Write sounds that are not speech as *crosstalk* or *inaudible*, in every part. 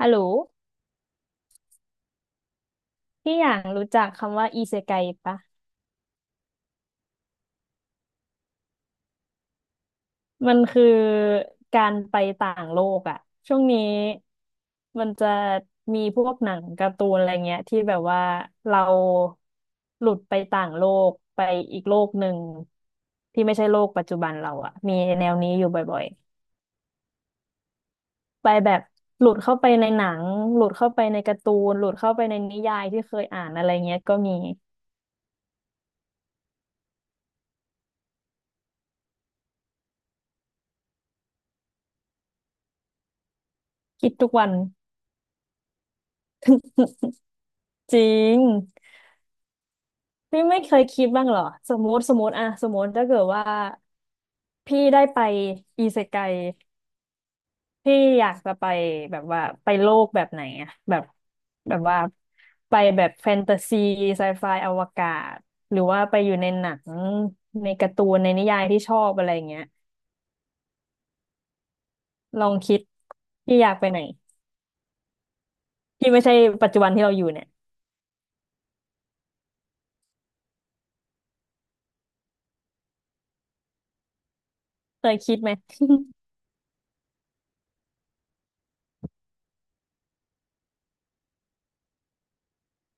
ฮัลโหลพี่อย่างรู้จักคำว่าอิเซไกปะมันคือการไปต่างโลกอะช่วงนี้มันจะมีพวกหนังการ์ตูนอะไรเงี้ยที่แบบว่าเราหลุดไปต่างโลกไปอีกโลกหนึ่งที่ไม่ใช่โลกปัจจุบันเราอะมีแนวนี้อยู่บ่อยๆไปแบบหลุดเข้าไปในหนังหลุดเข้าไปในการ์ตูนหลุดเข้าไปในนิยายที่เคยอ่านอะไรเงี้ยก็มีคิดทุกวัน *laughs* จริง พี่ไม่เคยคิดบ้างเหรอสมมติถ้าเกิดว่าพี่ได้ไปอิเซไกพี่อยากจะไปแบบว่าไปโลกแบบไหนอะแบบแบบว่าไปแบบแฟนตาซีไซไฟอวกาศหรือว่าไปอยู่ในหนังในการ์ตูนในนิยายที่ชอบอะไรเงี้ยลองคิดพี่อยากไปไหนที่ไม่ใช่ปัจจุบันที่เราอยู่เนี่ยเคยคิดไหม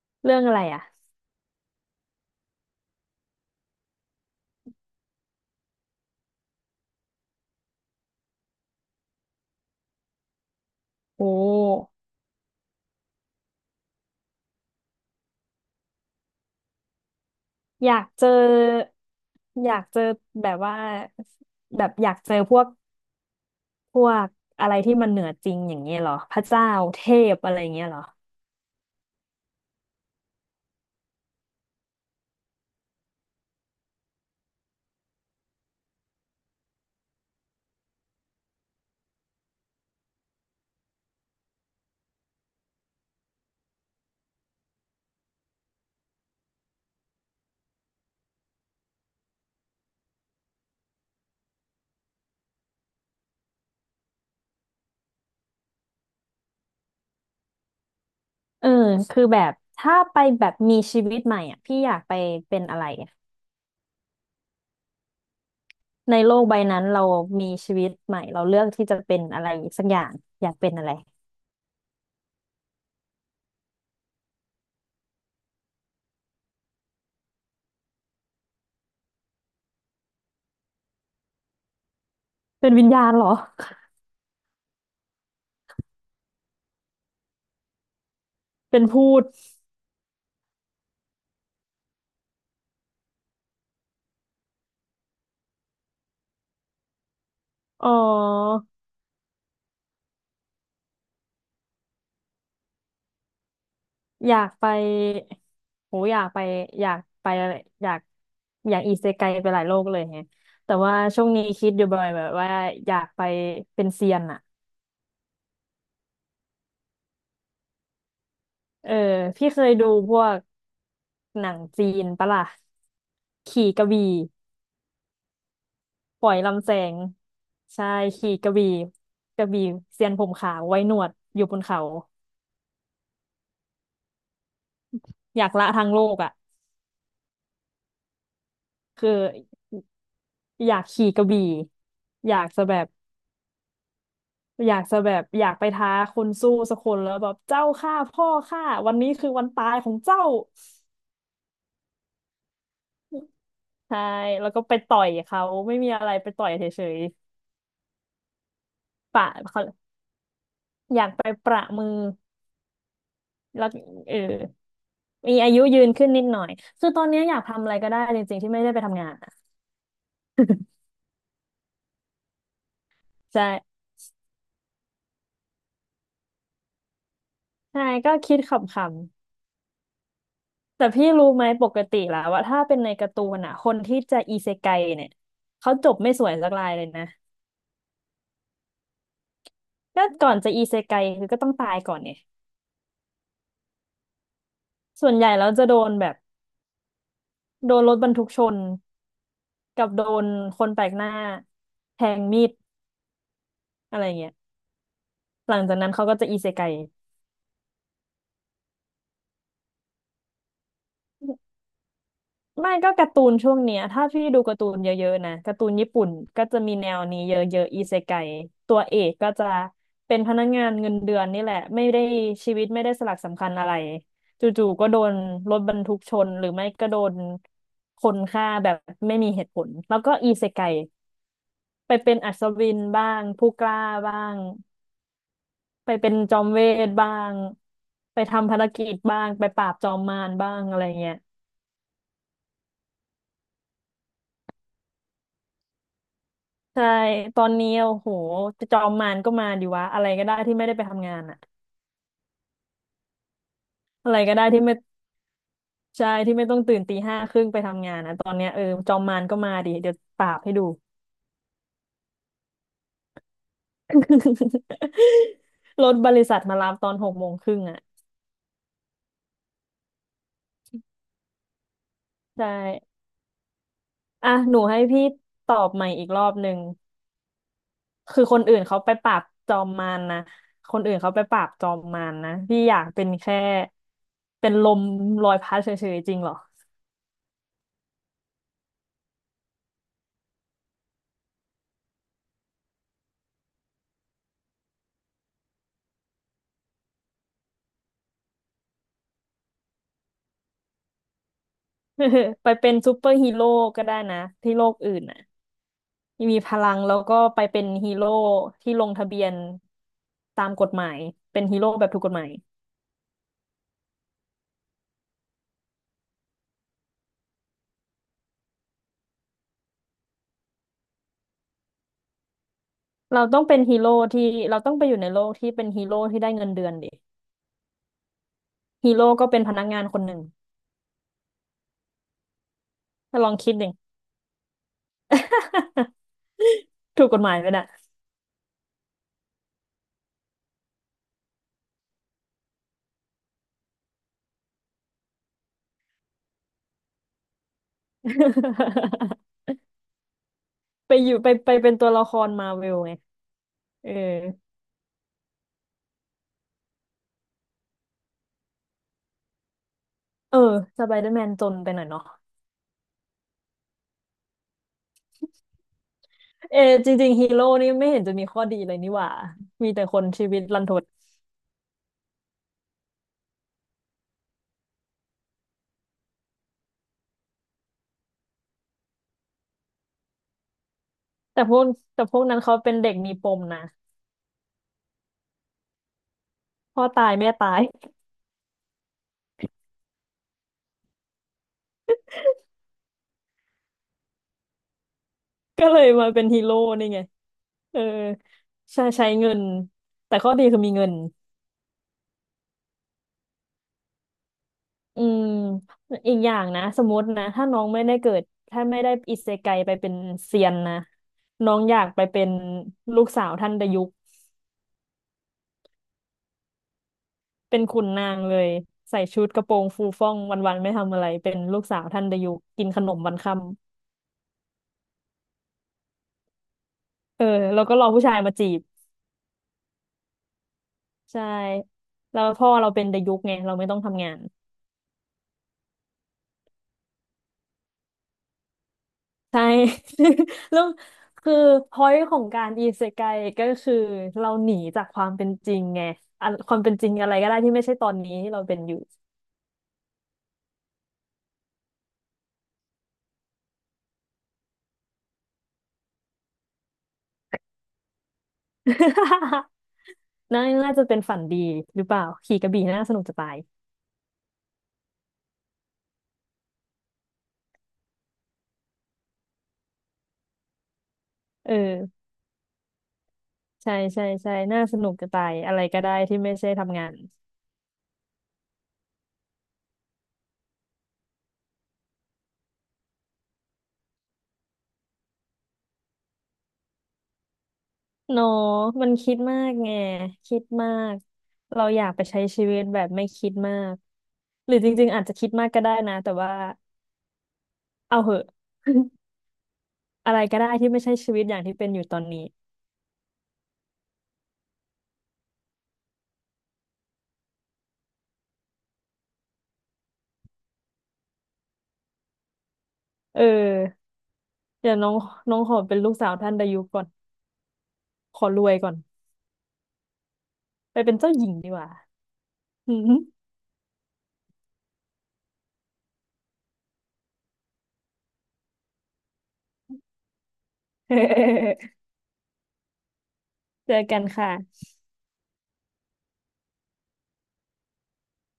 *laughs* เรื่องอะไรอะโอ้ อยากเจออยากเจอแบบว่าแบบอยากเจอพวกพวกอะไรที่มันเหนือจริงอย่างเงี้ยเหรอพระเจ้าเทพอะไรอย่างเงี้ยเหรอเออคือแบบถ้าไปแบบมีชีวิตใหม่อ่ะพี่อยากไปเป็นอะไรอะในโลกใบนั้นเรามีชีวิตใหม่เราเลือกที่จะเป็นอะไรสักอย่างอยากเป็นอะไรเป็นวิญญาณเหรอ *laughs* เป็นพูดอ๋อ อยากไปโหอยากไปอยากไปอะไรอยากอยากอิเซไกไปหลายโลกเลยแฮะแต่ว่าช่วงนี้คิดอยู่บ่อยแบบว่าอยากไปเป็นเซียนอะเออพี่เคยดูพวกหนังจีนปะล่ะขี่กระบี่ปล่อยลำแสงใช่ขี่กระบี่กระบี่เซียนผมขาวไว้หนวดอยู่บนเขาอยากละทางโลกอ่ะคืออยากขี่กระบี่อยากจะแบบ อยากจะแบบอยากไปท้าคนสู้สักคนแล้วแบบเจ้าฆ่าพ่อข้าวันนี้คือวันตายของเจ้าใช่แล้วก็ไปต่อยเขาไม่มีอะไรไปต่อยเฉยๆปะเขาอยากไปประมือแล้วเออมีอายุยืนขึ้นนิดหน่อยคือตอนนี้อยากทำอะไรก็ได้จริงๆที่ไม่ได้ไปทำงานอะใช่ใช่ก็คิดขำๆแต่พี่รู้ไหมปกติแล้วว่าถ้าเป็นในการ์ตูนอ่ะคนที่จะอิเซไกเนี่ยเขาจบไม่สวยสักรายเลยนะก็ก่อนจะอีเซไกคือก็ต้องตายก่อนไง ส่วนใหญ่แล้วจะโดนแบบโดนรถบรรทุกชนกับโดนคนแปลกหน้าแทงมีดอะไรเงี้ยหลังจากนั้นเขาก็จะอิเซไกไม่ก็การ์ตูนช่วงเนี้ยถ้าพี่ดูการ์ตูนเยอะๆนะการ์ตูนญี่ปุ่นก็จะมีแนวนี้เยอะๆอิเซไกตัวเอกก็จะเป็นพนักงานเงินเดือนนี่แหละไม่ได้ชีวิตไม่ได้สลักสำคัญอะไรจู่ๆก็โดนรถบรรทุกชนหรือไม่ก็โดนคนฆ่าแบบไม่มีเหตุผลแล้วก็อิเซไก ไปเป็นอัศวินบ้างผู้กล้าบ้างไปเป็นจอมเวทบ้างไปทำภารกิจบ้างไปปราบจอมมารบ้างอะไรเงี้ยใช่ตอนนี้โอ้โหจอมมารก็มาดีวะอะไรก็ได้ที่ไม่ได้ไปทำงานอะอะไรก็ได้ที่ไม่ใช่ที่ไม่ต้องตื่นตีห้าครึ่งไปทำงานนะตอนเนี้ยเออจอมมารก็มาดิเดี๋ยวปราบให้ดู *laughs* รถบริษัทมารับตอนหกโมงครึ่งอะใช่อ่ะหนูให้พี่ตอบใหม่อีกรอบหนึ่ง คือคนอื่นเขาไปปราบจอมมารนะคนอื่นเขาไปปราบจอมมารนะพี่อยากเป็นแค่เป็นลมลอยพัดเฉยๆจริงเหรอ *laughs* ไปเป็นซูเปอร์ฮีโร่ก็ได้นะที่โลกอื่นน่ะมีพลังแล้วก็ไปเป็นฮีโร่ที่ลงทะเบียนตามกฎหมายเป็นฮีโร่แบบถูกกฎหมายเราต้องเป็นฮีโร่ที่เราต้องไปอยู่ในโลกที่เป็นฮีโร่ที่ได้เงินเดือนดิฮีโร่ก็เป็นพนักงานคนหนึ่งถ้าลองคิดดิ *laughs* ถูกกฎหมายไหมน่ะ *laughs* ไปอยู่ไปไปเป็นตัวละครมาเวลไง เออเออสไปเดอร์แมนจนไปหน่อยเนาะเออจริงๆฮีโร่นี่ไม่เห็นจะมีข้อดีเลยนี่หว่ามีแต่คนชีวิตรันทดแต่พวกแต่พวกนั้นเขาเป็นเด็กมีปมนะพ่อตายแม่ตาย *laughs* ก็เลยมาเป็นฮีโร่นี่ไงเออใช้เงินแต่ข้อดีคือมีเงินอืมอีกอย่างนะสมมตินะถ้าน้องไม่ได้เกิดถ้าไม่ได้อิเซไกไปเป็นเซียนนะน้องอยากไปเป็นลูกสาวท่านดายุก เป็นขุนนางเลยใส่ชุดกระโปรงฟูฟ่องวันๆไม่ทำอะไรเป็นลูกสาวท่านดายุกินขนมวันค่ำเออแล้วก็รอผู้ชายมาจีบใช่แล้วพ่อเราเป็นดายุกไงเราไม่ต้องทำงานใช่ *laughs* แล้วคือพอยต์ของการอิเซไกก็คือเราหนีจากความเป็นจริงไงอันความเป็นจริงอะไรก็ได้ที่ไม่ใช่ตอนนี้ที่เราเป็นอยู่ *laughs* น่าน่าจะเป็นฝันดีหรือเปล่าขี่กระบี่น่าสนุกจะตายเออ ใช่ใช่ใช่น่าสนุกจะตายอะไรก็ได้ที่ไม่ใช่ทำงานเนอะมันคิดมากไงคิดมากเราอยากไปใช้ชีวิตแบบไม่คิดมากหรือจริงๆอาจจะคิดมากก็ได้นะแต่ว่าเอาเหอะ *laughs* อะไรก็ได้ที่ไม่ใช่ชีวิตอย่างที่เป็นอยู่ตอนนี้เออเดี๋ยวน้องน้องขอเป็นลูกสาวท่านดายุก่อนขอรวยก่อนไปเป็นเจ้าหญิงดีกว่า *laughs* อืม *laughs* เจอกันค่ะ